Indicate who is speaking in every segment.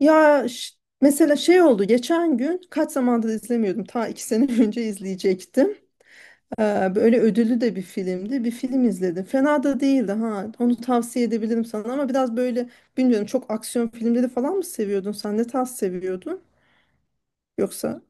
Speaker 1: Ya ş- mesela şey oldu geçen gün kaç zamandır izlemiyordum ta iki sene önce izleyecektim. Böyle ödüllü de bir filmdi, bir film izledim, fena da değildi, ha, onu tavsiye edebilirim sana ama biraz böyle bilmiyorum, çok aksiyon filmleri falan mı seviyordun, sen ne tarz seviyordun yoksa?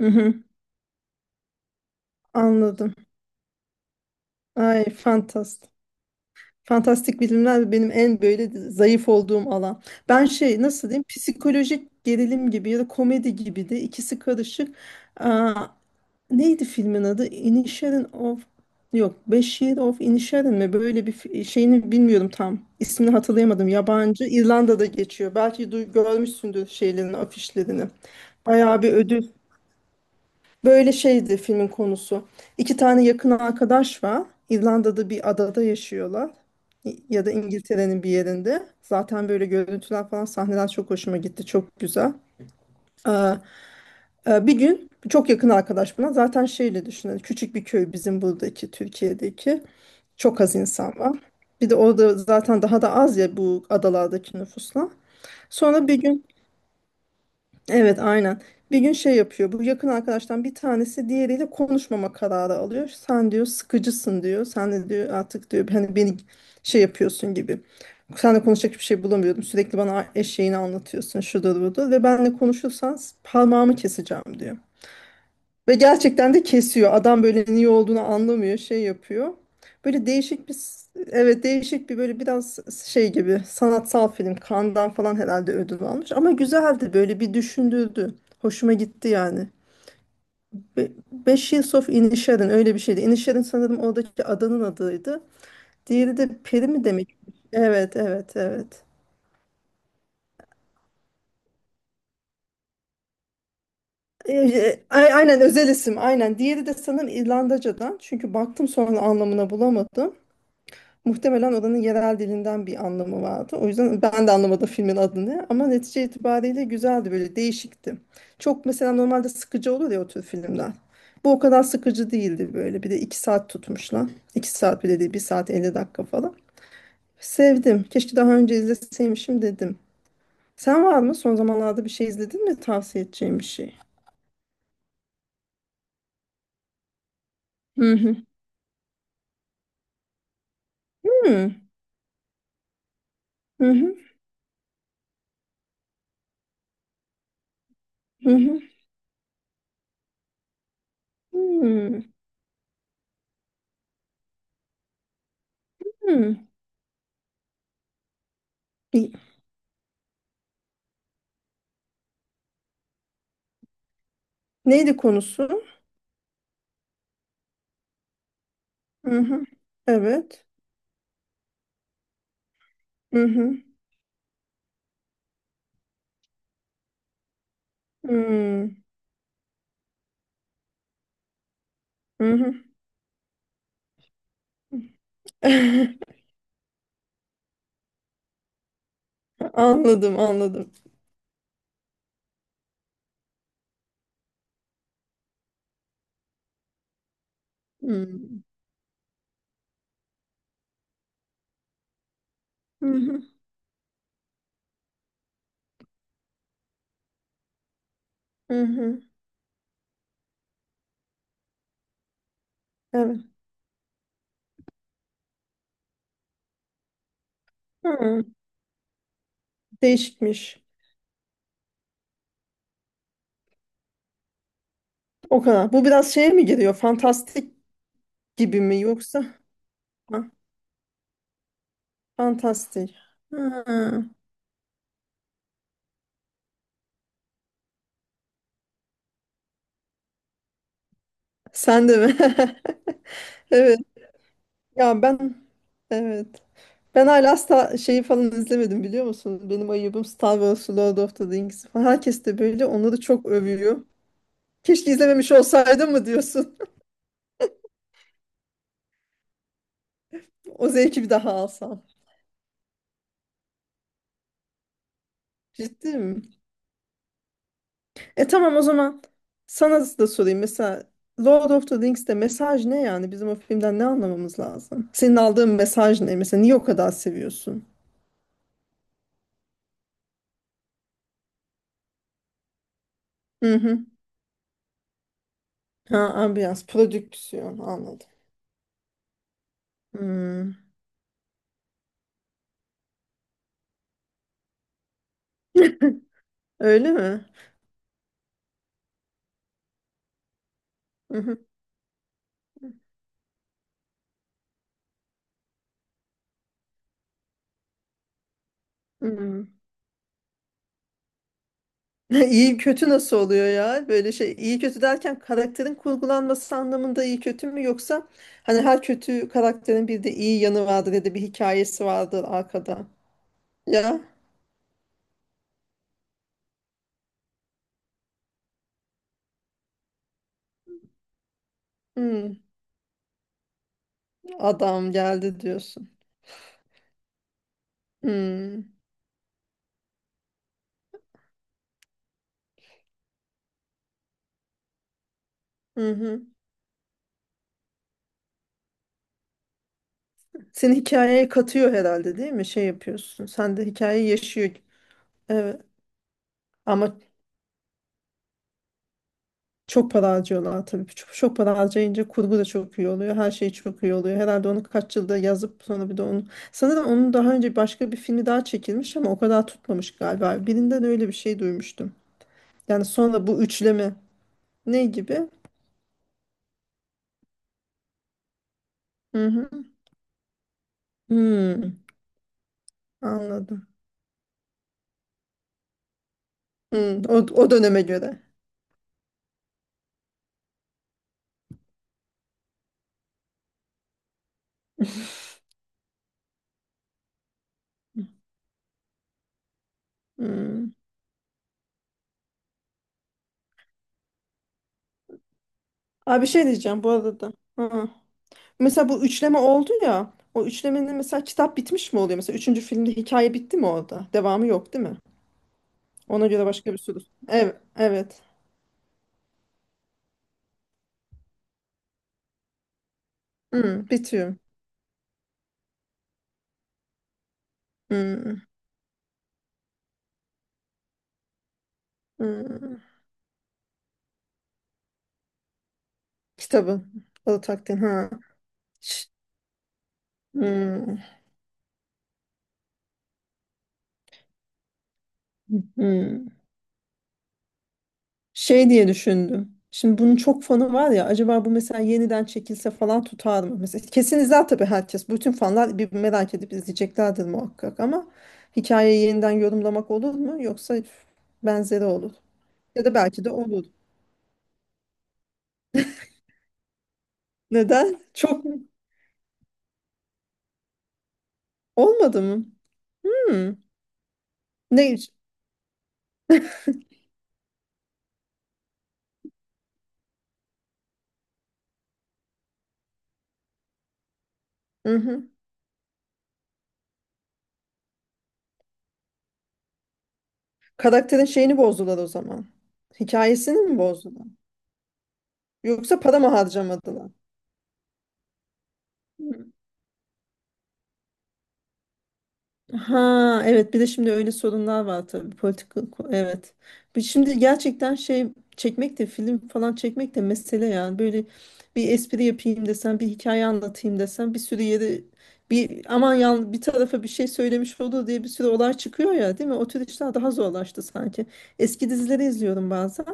Speaker 1: Hı-hı, anladım. Ay fantastik, fantastik bilimler benim en böyle zayıf olduğum alan. Ben şey, nasıl diyeyim, psikolojik gerilim gibi ya da komedi gibi de, ikisi karışık. Neydi filmin adı? Inisherin of, yok, Beş Year of Inisherin mi? Böyle bir şeyini bilmiyorum tam. İsmini hatırlayamadım. Yabancı. İrlanda'da geçiyor. Belki duy, görmüşsündür şeylerini, afişlerini. Bayağı bir ödül. Böyle şeydi filmin konusu. İki tane yakın arkadaş var. İrlanda'da bir adada yaşıyorlar. Ya da İngiltere'nin bir yerinde. Zaten böyle görüntüler falan, sahneler çok hoşuma gitti. Çok güzel. Bir gün çok yakın arkadaş, buna zaten şeyle düşünün, küçük bir köy, bizim buradaki Türkiye'deki, çok az insan var. Bir de orada zaten daha da az ya, bu adalardaki nüfusla. Sonra bir gün, evet, aynen, bir gün şey yapıyor, bu yakın arkadaştan bir tanesi diğeriyle konuşmama kararı alıyor. Sen diyor sıkıcısın diyor, sen de diyor artık diyor hani beni şey yapıyorsun gibi. Seninle konuşacak bir şey bulamıyordum. Sürekli bana eşeğini anlatıyorsun, şudur budur, ve benle konuşursan parmağımı keseceğim diyor. Ve gerçekten de kesiyor. Adam böyle niye olduğunu anlamıyor, şey yapıyor. Böyle değişik evet, değişik bir böyle biraz şey gibi sanatsal film. Cannes'dan falan herhalde ödül almış. Ama güzeldi, böyle bir düşündürdü. Hoşuma gitti yani. Ve Beş Years of Inisherin öyle bir şeydi. Inisherin sanırım oradaki adanın adıydı. Diğeri de Peri mi demek? Evet, evet, evet. Aynen, özel isim, aynen. Diğeri de sanırım İrlandaca'dan. Çünkü baktım sonra, anlamına bulamadım. Muhtemelen oranın yerel dilinden bir anlamı vardı. O yüzden ben de anlamadım filmin adını ama netice itibariyle güzeldi, böyle değişikti. Çok mesela normalde sıkıcı olur ya o tür filmler. Bu o kadar sıkıcı değildi böyle. Bir de iki saat tutmuşlar. İki saat bile değil, bir saat 50 dakika falan. Sevdim. Keşke daha önce izleseymişim dedim. Sen var mı? Son zamanlarda bir şey izledin mi? Tavsiye edeceğim bir şey. Hı hı. Hı hı. Hı hı. Hı hı. Hı. İyi. Neydi konusu? Hı hı. Evet. Hı hı. Hmm. Hı hı. Anladım, anladım. Hmm. Hı hı, hı hı. Evet. Hı. Değişikmiş. O kadar. Bu biraz şeye mi giriyor? Fantastik gibi mi, yoksa? Ha, fantastik. Hı. Sen de mi? Evet. Ya ben, evet. Ben hala asla şeyi falan izlemedim biliyor musun? Benim ayıbım Star Wars, Lord of the Rings falan. Herkes de böyle onları çok övüyor. Keşke izlememiş olsaydım mı diyorsun? O zevki bir daha alsam. Ciddi mi? E tamam o zaman sana da sorayım. Mesela Lord of the Rings'te mesaj ne yani? Bizim o filmden ne anlamamız lazım? Senin aldığın mesaj ne? Mesela niye o kadar seviyorsun? Hı hı. Ha, ambiyans, prodüksiyon, anladım. Hmm. Öyle mi? Hı hı. Hmm. İyi kötü nasıl oluyor ya? Böyle şey, iyi kötü derken karakterin kurgulanması anlamında iyi kötü mü, yoksa hani her kötü karakterin bir de iyi yanı vardır ya da bir hikayesi vardır arkada. Ya. Hmm. Adam geldi diyorsun. Hmm. Hı hı. Seni hikayeye katıyor herhalde değil mi? Şey yapıyorsun. Sen de hikayeyi yaşıyor. Evet. Ama çok para harcıyorlar tabii. Çok, çok para harcayınca kurgu da çok iyi oluyor. Her şey çok iyi oluyor. Herhalde onu kaç yılda yazıp sonra bir de onu. Sanırım onun daha önce başka bir filmi daha çekilmiş ama o kadar tutmamış galiba. Birinden öyle bir şey duymuştum. Yani sonra bu üçleme, ne gibi? Hı hı. Hmm. Anladım. Hmm. O, o döneme göre. Hmm. Abi bir şey diyeceğim bu arada. Ha. Mesela bu üçleme oldu ya. O üçlemenin mesela kitap bitmiş mi oluyor? Mesela üçüncü filmde hikaye bitti mi orada? Devamı yok değil mi? Ona göre başka bir soru. Evet. Evet. Hmm, bitiyor. Hmm, hmm. Kitabı. Alı takdim. Ha. Ş- Hmm. Hmm. Şey diye düşündüm. Şimdi bunun çok fanı var ya, acaba bu mesela yeniden çekilse falan tutar mı? Mesela kesin izler tabii herkes. Bütün fanlar bir merak edip izleyeceklerdir muhakkak ama hikayeyi yeniden yorumlamak olur mu? Yoksa benzeri olur. Ya da belki de olur. Neden? Çok mu? Olmadı mı? Hmm. Ne? Hı-hı. Karakterin şeyini bozdular o zaman. Hikayesini mi bozdular? Yoksa para mı harcamadılar? Ha evet, bir de şimdi öyle sorunlar var tabii, politik, evet. Şimdi gerçekten şey, çekmek de, film falan çekmek de mesele yani, böyle bir espri yapayım desen, bir hikaye anlatayım desen, bir sürü yere bir aman yan bir tarafa bir şey söylemiş olur diye bir sürü olay çıkıyor ya değil mi? O tür işler daha zorlaştı sanki. Eski dizileri izliyorum bazen.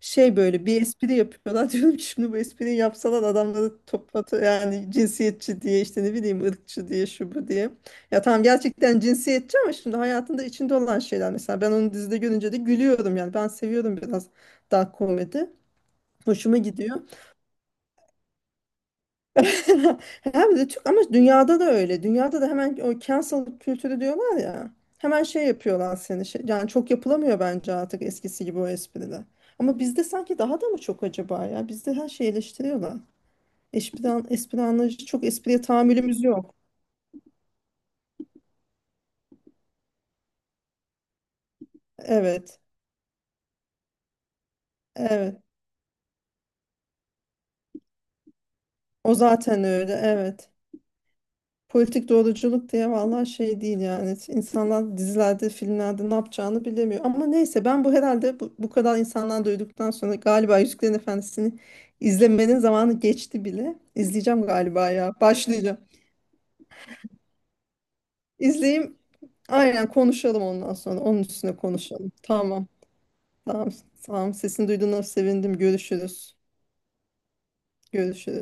Speaker 1: Şey, böyle bir espri yapıyorlar. Diyorum ki şimdi bu espriyi yapsalar adamları toplatı yani, cinsiyetçi diye, işte ne bileyim ırkçı diye, şu bu diye. Ya tamam, gerçekten cinsiyetçi ama şimdi hayatında içinde olan şeyler, mesela ben onu dizide görünce de gülüyorum yani, ben seviyorum biraz dark komedi. Hoşuma gidiyor. Hem de Türk, ama dünyada da öyle. Dünyada da hemen o cancel kültürü diyorlar ya. Hemen şey yapıyorlar seni. Şey, yani çok yapılamıyor bence artık eskisi gibi o espriler. Ama bizde sanki daha da mı çok acaba ya? Bizde her şeyi eleştiriyorlar. Espri, espri anlayışı, çok espriye tahammülümüz yok. Evet. Evet. O zaten öyle. Evet. Politik doğruculuk diye, vallahi şey değil yani. İnsanlar dizilerde, filmlerde ne yapacağını bilemiyor. Ama neyse, ben bu herhalde bu kadar insandan duyduktan sonra galiba Yüzüklerin Efendisi'ni izlemenin zamanı geçti bile. İzleyeceğim galiba ya. Başlayacağım. İzleyeyim. Aynen, konuşalım ondan sonra. Onun üstüne konuşalım. Tamam. Tamam. Tamam. Sesini duyduğuna sevindim. Görüşürüz. Görüşürüz.